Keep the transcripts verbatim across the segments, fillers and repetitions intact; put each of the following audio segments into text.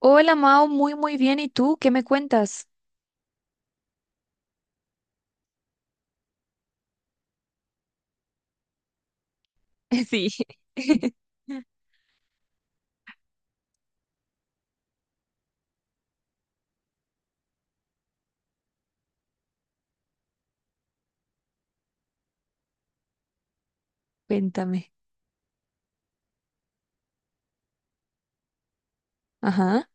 Hola Mao, muy muy bien. ¿Y tú qué me cuentas? Sí. Cuéntame. Ajá.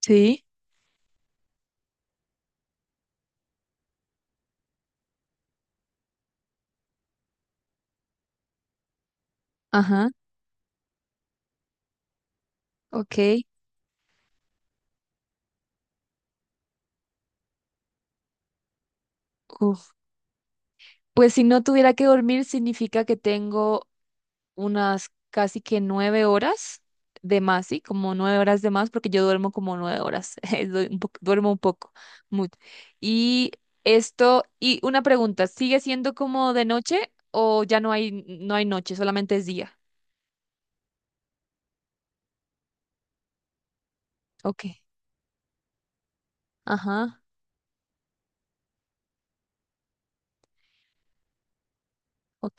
Sí. Ajá. Ok. Uf. Pues si no tuviera que dormir, significa que tengo unas casi que nueve horas de más, ¿sí? Como nueve horas de más, porque yo duermo como nueve horas. Eh, Du- un poco- Duermo un poco. mu- Y esto, y una pregunta, ¿sigue siendo como de noche o ya no hay, no hay noche, solamente es día? Ok. Ajá. Ok.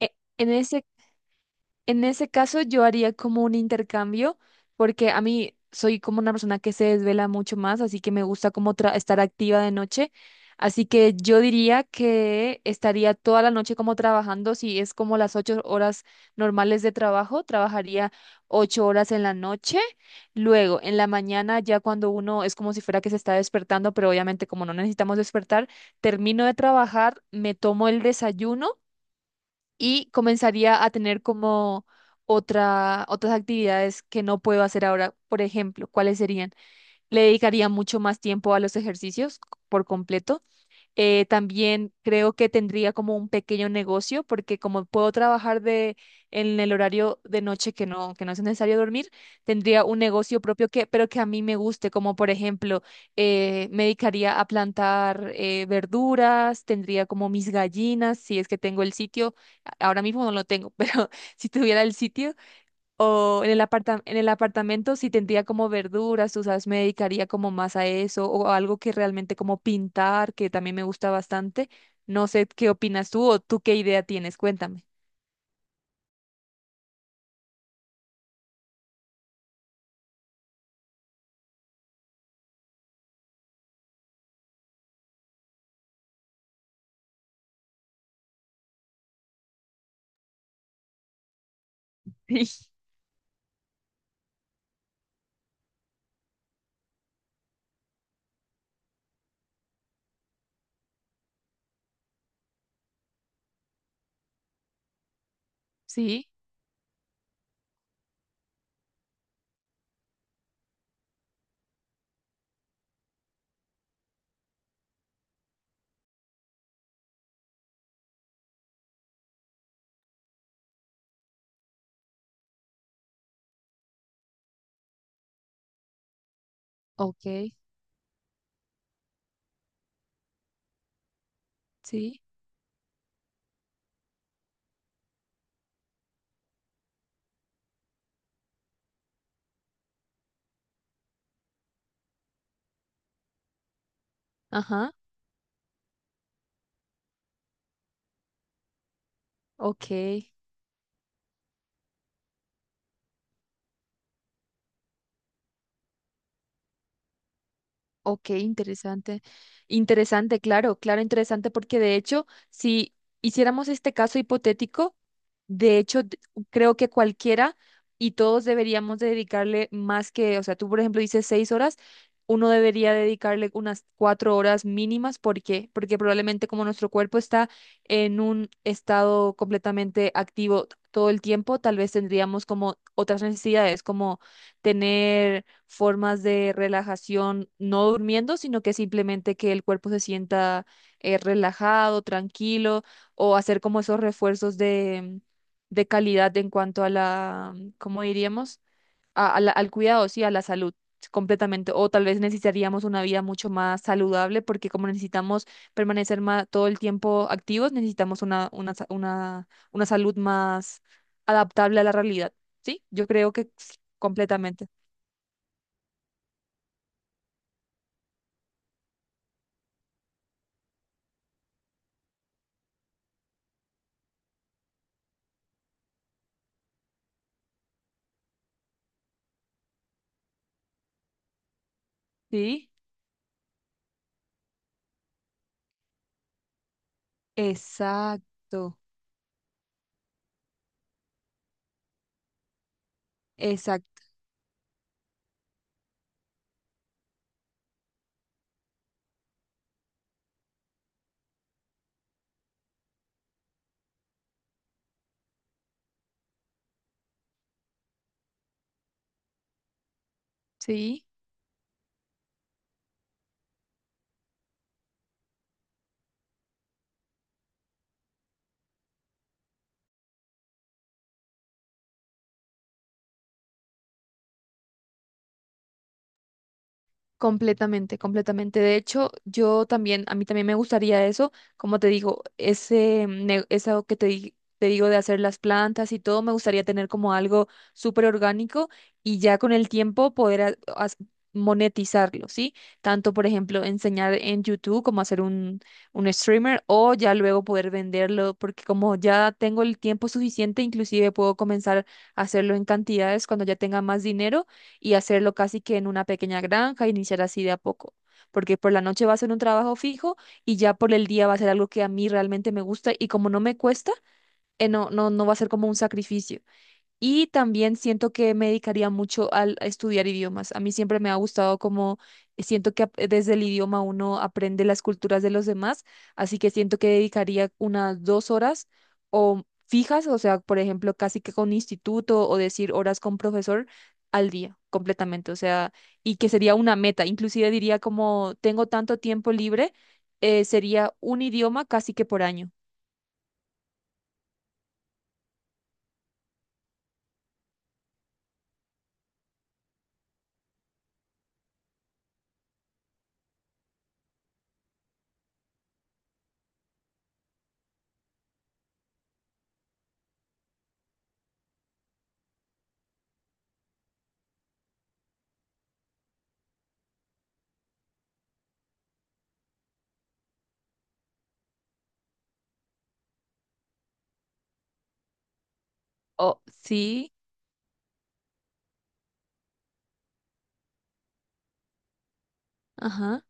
e- En ese, en ese caso yo haría como un intercambio, porque a mí soy como una persona que se desvela mucho más, así que me gusta como tra- estar activa de noche. Así que yo diría que estaría toda la noche como trabajando, si es como las ocho horas normales de trabajo, trabajaría ocho horas en la noche. Luego, en la mañana, ya cuando uno es como si fuera que se está despertando, pero obviamente como no necesitamos despertar, termino de trabajar, me tomo el desayuno y comenzaría a tener como otra, otras actividades que no puedo hacer ahora. Por ejemplo, ¿cuáles serían? Le dedicaría mucho más tiempo a los ejercicios por completo. Eh, también creo que tendría como un pequeño negocio porque como puedo trabajar de, en el horario de noche que no, que no es necesario dormir, tendría un negocio propio que, pero que a mí me guste, como por ejemplo, eh, me dedicaría a plantar, eh, verduras, tendría como mis gallinas, si es que tengo el sitio. A- ahora mismo no lo tengo, pero si tuviera el sitio o en el aparta- en el apartamento sí tendría como verduras, tú sabes, me dedicaría como más a eso o algo que realmente como pintar, que también me gusta bastante. No sé qué opinas tú o tú qué idea tienes, cuéntame. Sí. Sí, ok, sí, ajá, ok. Ok, interesante. Interesante, claro, claro, interesante, porque de hecho, si hiciéramos este caso hipotético, de hecho, d- creo que cualquiera y todos deberíamos de dedicarle más que, o sea, tú por ejemplo dices seis horas, uno debería dedicarle unas cuatro horas mínimas, ¿por qué? Porque probablemente como nuestro cuerpo está en un estado completamente activo todo el tiempo, tal vez tendríamos como otras necesidades, como tener formas de relajación, no durmiendo, sino que simplemente que el cuerpo se sienta, eh, relajado, tranquilo, o hacer como esos refuerzos de, de calidad en cuanto a la, ¿cómo diríamos? A- a la- al cuidado, sí, a la salud. Completamente, o tal vez necesitaríamos una vida mucho más saludable porque como necesitamos permanecer ma- todo el tiempo activos, necesitamos una, una, sa- una, una salud más adaptable a la realidad, ¿sí? Yo creo que sí, completamente. Sí. Exacto, exacto, sí. Completamente, completamente. De hecho, yo también, a mí también me gustaría eso, como te digo, ese, ne- eso que te, di- te digo de hacer las plantas y todo, me gustaría tener como algo súper orgánico y ya con el tiempo poder a- as- monetizarlo, ¿sí? Tanto, por ejemplo, enseñar en YouTube como hacer un, un streamer o ya luego poder venderlo, porque como ya tengo el tiempo suficiente, inclusive puedo comenzar a hacerlo en cantidades cuando ya tenga más dinero y hacerlo casi que en una pequeña granja, iniciar así de a poco, porque por la noche va a ser un trabajo fijo y ya por el día va a ser algo que a mí realmente me gusta y como no me cuesta. Eh, no, no, no va a ser como un sacrificio. Y también siento que me dedicaría mucho al, a estudiar idiomas. A mí siempre me ha gustado como, eh, siento que ap- eh, desde el idioma uno aprende las culturas de los demás, así que siento que dedicaría unas dos horas o fijas, o sea, por ejemplo, casi que con instituto o decir horas con profesor al día completamente, o sea, y que sería una meta. Inclusive diría como tengo tanto tiempo libre, eh, sería un idioma casi que por año. O sí, ajá.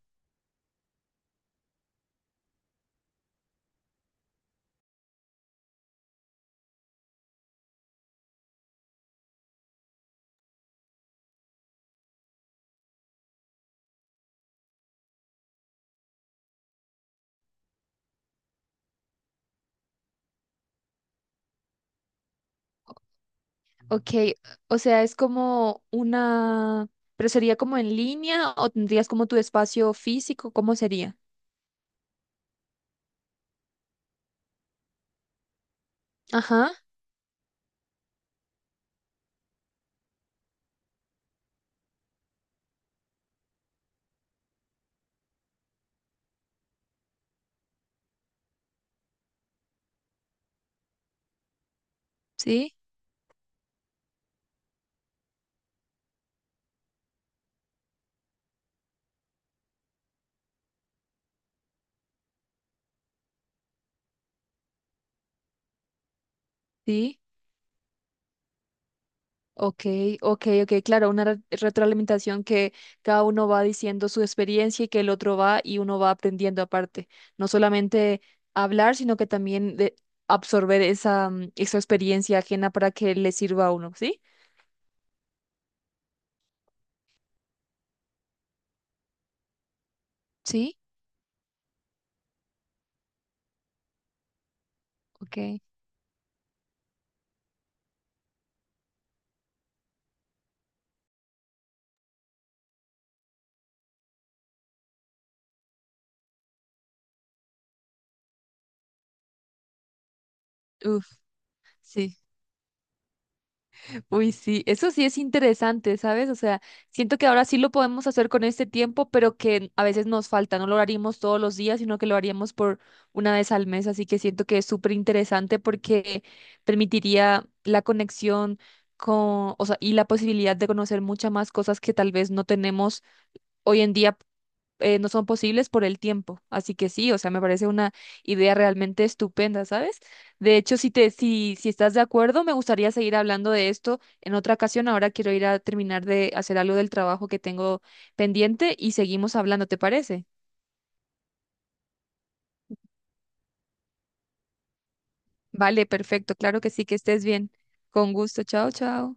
Ok, o sea, es como una, pero sería como en línea o tendrías como tu espacio físico, ¿cómo sería? Ajá, sí, sí, ok, ok, ok, claro, una re- retroalimentación que cada uno va diciendo su experiencia y que el otro va y uno va aprendiendo aparte, no solamente hablar, sino que también de absorber esa, mm, esa experiencia ajena para que le sirva a uno, ¿sí? Sí, ok, uf, sí. Uy, sí, eso sí es interesante, ¿sabes? O sea, siento que ahora sí lo podemos hacer con este tiempo, pero que a veces nos falta, no lo haríamos todos los días, sino que lo haríamos por una vez al mes, así que siento que es súper interesante porque permitiría la conexión con, o sea, y la posibilidad de conocer muchas más cosas que tal vez no tenemos hoy en día. Eh, no son posibles por el tiempo. Así que sí, o sea, me parece una idea realmente estupenda, ¿sabes? De hecho, si te, si, si estás de acuerdo, me gustaría seguir hablando de esto en otra ocasión. Ahora quiero ir a terminar de hacer algo del trabajo que tengo pendiente y seguimos hablando, ¿te parece? Vale, perfecto, claro que sí, que estés bien. Con gusto, chao, chao.